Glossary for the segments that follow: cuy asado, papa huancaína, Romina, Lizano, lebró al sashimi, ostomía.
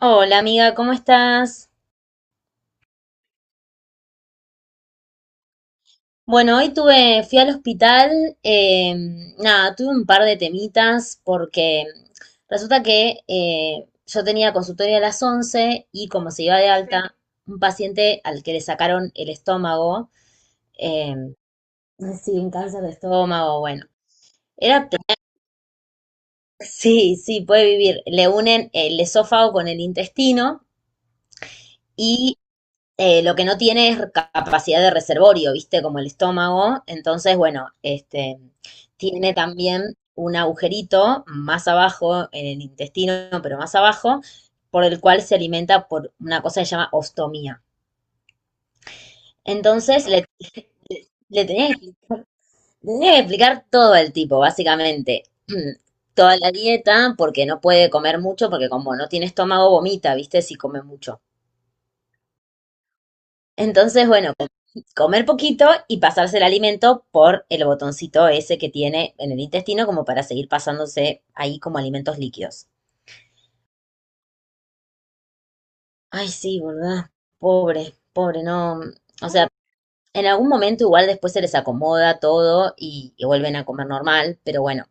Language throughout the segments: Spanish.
Hola amiga, ¿cómo estás? Bueno, hoy fui al hospital, nada, tuve un par de temitas porque resulta que yo tenía consultorio a las 11 y como se iba de, sí, alta, un paciente al que le sacaron el estómago, eh, sí, un cáncer de estómago. Bueno, era, pe- sí, sí, puede vivir, le unen el esófago con el intestino y lo que no tiene es capacidad de reservorio, ¿viste? Como el estómago. Entonces, bueno, este, tiene también un agujerito más abajo en el intestino, pero más abajo, por el cual se alimenta por una cosa que se llama ostomía. Entonces, le tenía, que- le tenía que explicar todo al tipo, básicamente. Toda la dieta, porque no puede comer mucho, porque como no tiene estómago, vomita, ¿viste? Si come mucho. Entonces, bueno, comer poquito y pasarse el alimento por el botoncito ese que tiene en el intestino como para seguir pasándose ahí como alimentos líquidos. Ay, sí, ¿verdad? Pobre, pobre, no. O sea, en algún momento igual después se les acomoda todo y vuelven a comer normal, pero bueno.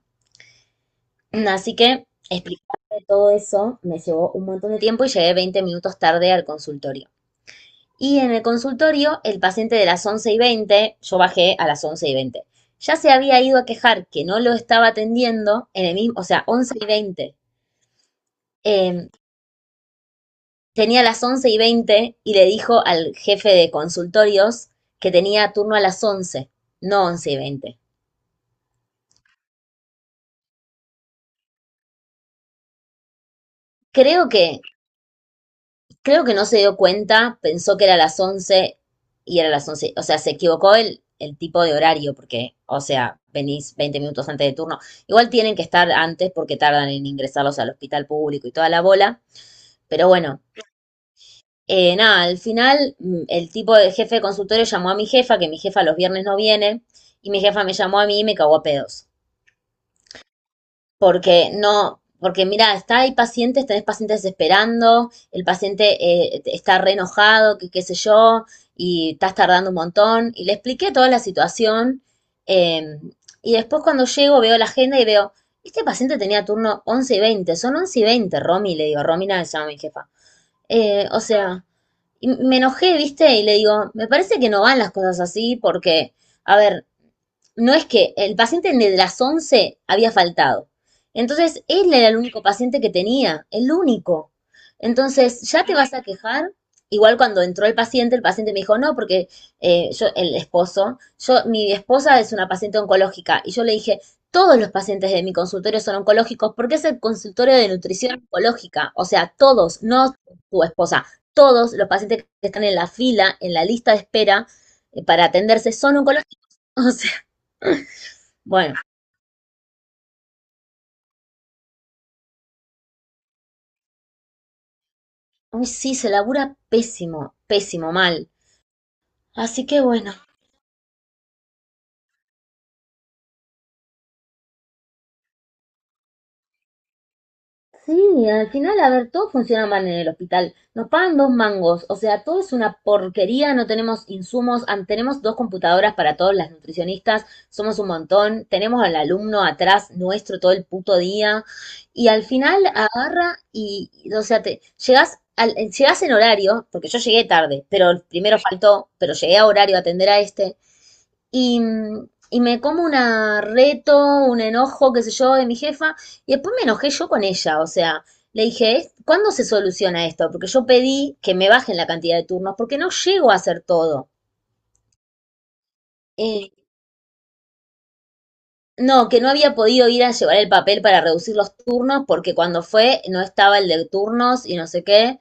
Así que explicarle todo eso me llevó un montón de tiempo y llegué 20 minutos tarde al consultorio. Y en el consultorio, el paciente de las 11:20, yo bajé a las 11:20, ya se había ido a quejar que no lo estaba atendiendo en el mismo, o sea, 11:20. Eh, Tenía las 11:20 y le dijo al jefe de consultorios que tenía turno a las 11, no 11:20. Creo que Creo que no se dio cuenta, pensó que era las 11 y era las 11. O sea, se equivocó el tipo de horario, porque, o sea, venís 20 minutos antes de turno. Igual tienen que estar antes porque tardan en ingresarlos al hospital público y toda la bola. Pero bueno, nada, al final, el tipo de jefe de consultorio llamó a mi jefa, que mi jefa los viernes no viene, y mi jefa me llamó a mí y me cagó a pedos. Porque no, porque mira, está, hay pacientes, tenés pacientes esperando, el paciente, está re enojado, que qué sé yo, y estás tardando un montón, y le expliqué toda la situación, eh, y después cuando llego veo la agenda y veo, este paciente tenía turno 11:20, son 11:20, Romy, le digo. Romina se llama mi jefa. O sea, y me enojé, viste, y le digo, me parece que no van las cosas así porque, a ver, no es que el paciente de las 11 había faltado. Entonces, él era el único paciente que tenía, el único. Entonces, ya te vas a quejar. Igual cuando entró el paciente me dijo, no, porque el esposo, mi esposa es una paciente oncológica. Y yo le dije, todos los pacientes de mi consultorio son oncológicos porque es el consultorio de nutrición oncológica. O sea, todos, no tu esposa, todos los pacientes que están en la fila, en la lista de espera, para atenderse, son oncológicos. O sea, bueno, uy, sí, se labura pésimo, pésimo, mal. Así que bueno. Sí, al final, a ver, todo funciona mal en el hospital. Nos pagan dos mangos, o sea, todo es una porquería, no tenemos insumos, tenemos dos computadoras para todos las nutricionistas, somos un montón, tenemos al alumno atrás nuestro todo el puto día, y al final agarra o sea, te llegas llegas en horario, porque yo llegué tarde, pero primero faltó, pero llegué a horario a atender a este, y, y me como una reto, un enojo, qué sé yo, de mi jefa, y después me enojé yo con ella, o sea, le dije, "Es- ¿cuándo se soluciona esto? Porque yo pedí que me bajen la cantidad de turnos, porque no llego a hacer todo." Eh, no, que no había podido ir a llevar el papel para reducir los turnos, porque cuando fue no estaba el de turnos y no sé qué.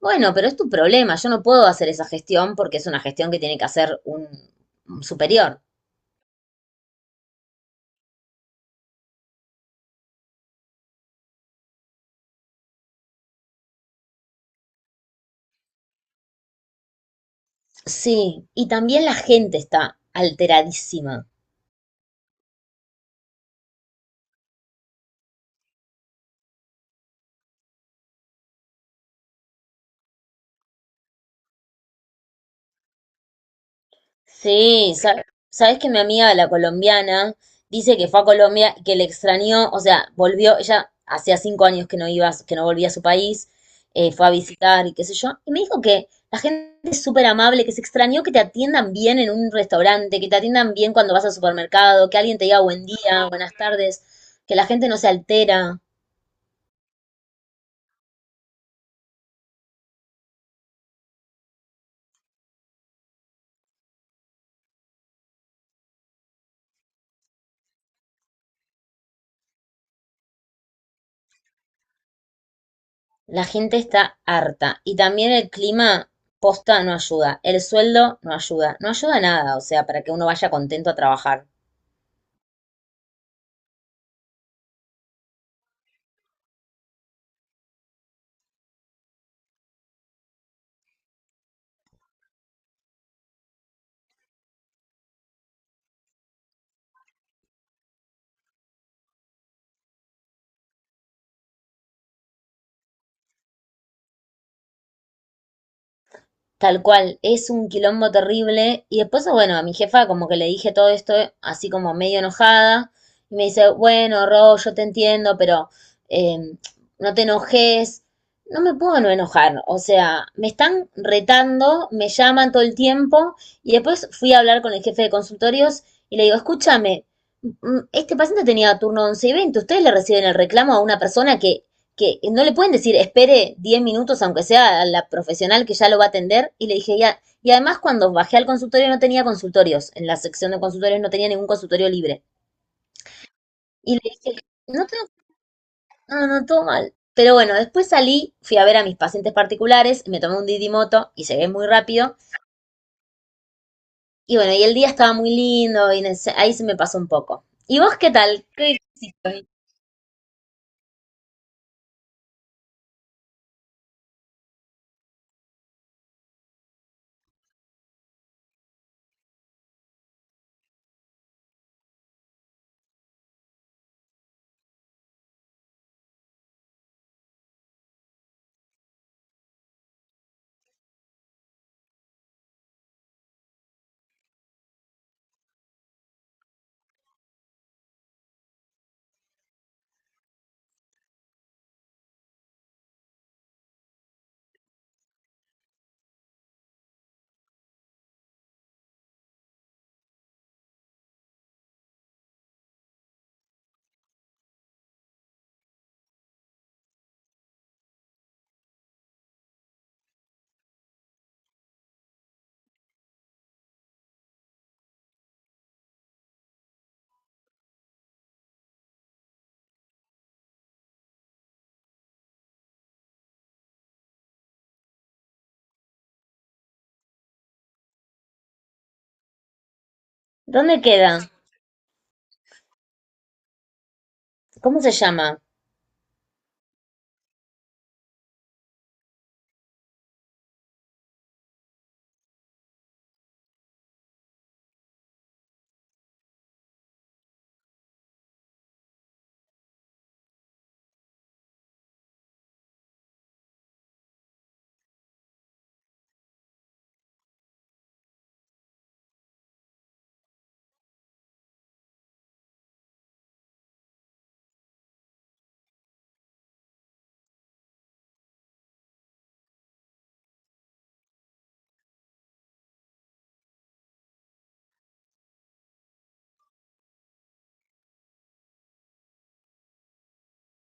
Bueno, pero es tu problema, yo no puedo hacer esa gestión porque es una gestión que tiene que hacer un superior. Sí, y también la gente está alteradísima. Sí, sabes que mi amiga, la colombiana, dice que fue a Colombia, que le extrañó, o sea, volvió, ella hacía 5 años que no iba, que no volvía a su país. Fue a visitar y qué sé yo, y me dijo que la gente es súper amable, que se extrañó que te atiendan bien en un restaurante, que te atiendan bien cuando vas al supermercado, que alguien te diga buen día, buenas tardes, que la gente no se altera. La gente está harta. Y también el clima posta no ayuda, el sueldo no ayuda, no ayuda nada, o sea, para que uno vaya contento a trabajar. Tal cual, es un quilombo terrible. Y después, bueno, a mi jefa como que le dije todo esto así como medio enojada. Y me dice, bueno, Ro, yo te entiendo, pero eh, no te enojes. No me puedo no enojar. O sea, me están retando, me llaman todo el tiempo. Y después fui a hablar con el jefe de consultorios y le digo, escúchame, este paciente tenía turno 11 y veinte. Ustedes le reciben el reclamo a una persona que no le pueden decir, espere 10 minutos, aunque sea a la profesional que ya lo va a atender. Y le dije, ya. Y además, cuando bajé al consultorio, no tenía consultorios. En la sección de consultorios no tenía ningún consultorio libre. Y le dije, no, tengo, no, no, no, todo mal. Pero bueno, después salí, fui a ver a mis pacientes particulares, me tomé un didimoto y llegué muy rápido. Y bueno, y el día estaba muy lindo y ahí se me pasó un poco. ¿Y vos qué tal? ¿Qué hiciste? ¿Dónde queda? ¿Cómo se llama?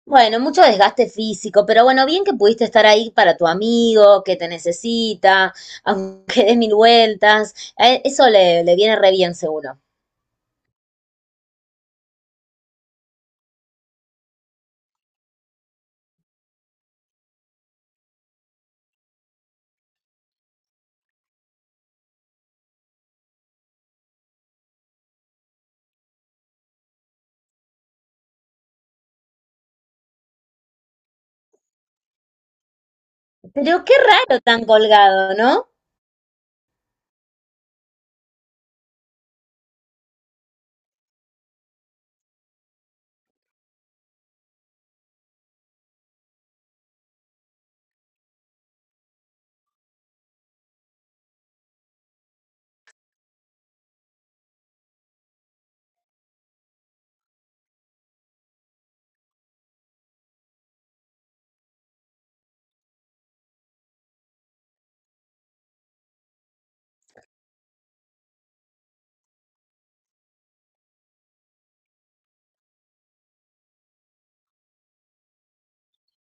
Bueno, mucho desgaste físico, pero bueno, bien que pudiste estar ahí para tu amigo, que te necesita, aunque des mil vueltas. A él- Eso le, le viene re bien, seguro. Pero qué raro tan colgado, ¿no?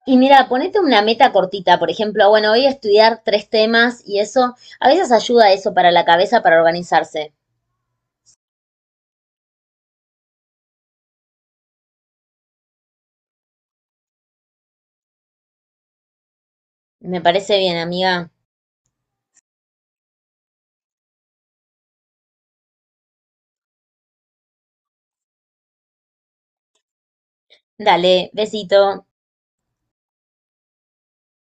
Y mira, ponete una meta cortita, por ejemplo, bueno, voy a estudiar tres temas y eso, a veces ayuda eso para la cabeza, para organizarse. Me parece bien, amiga. Dale, besito.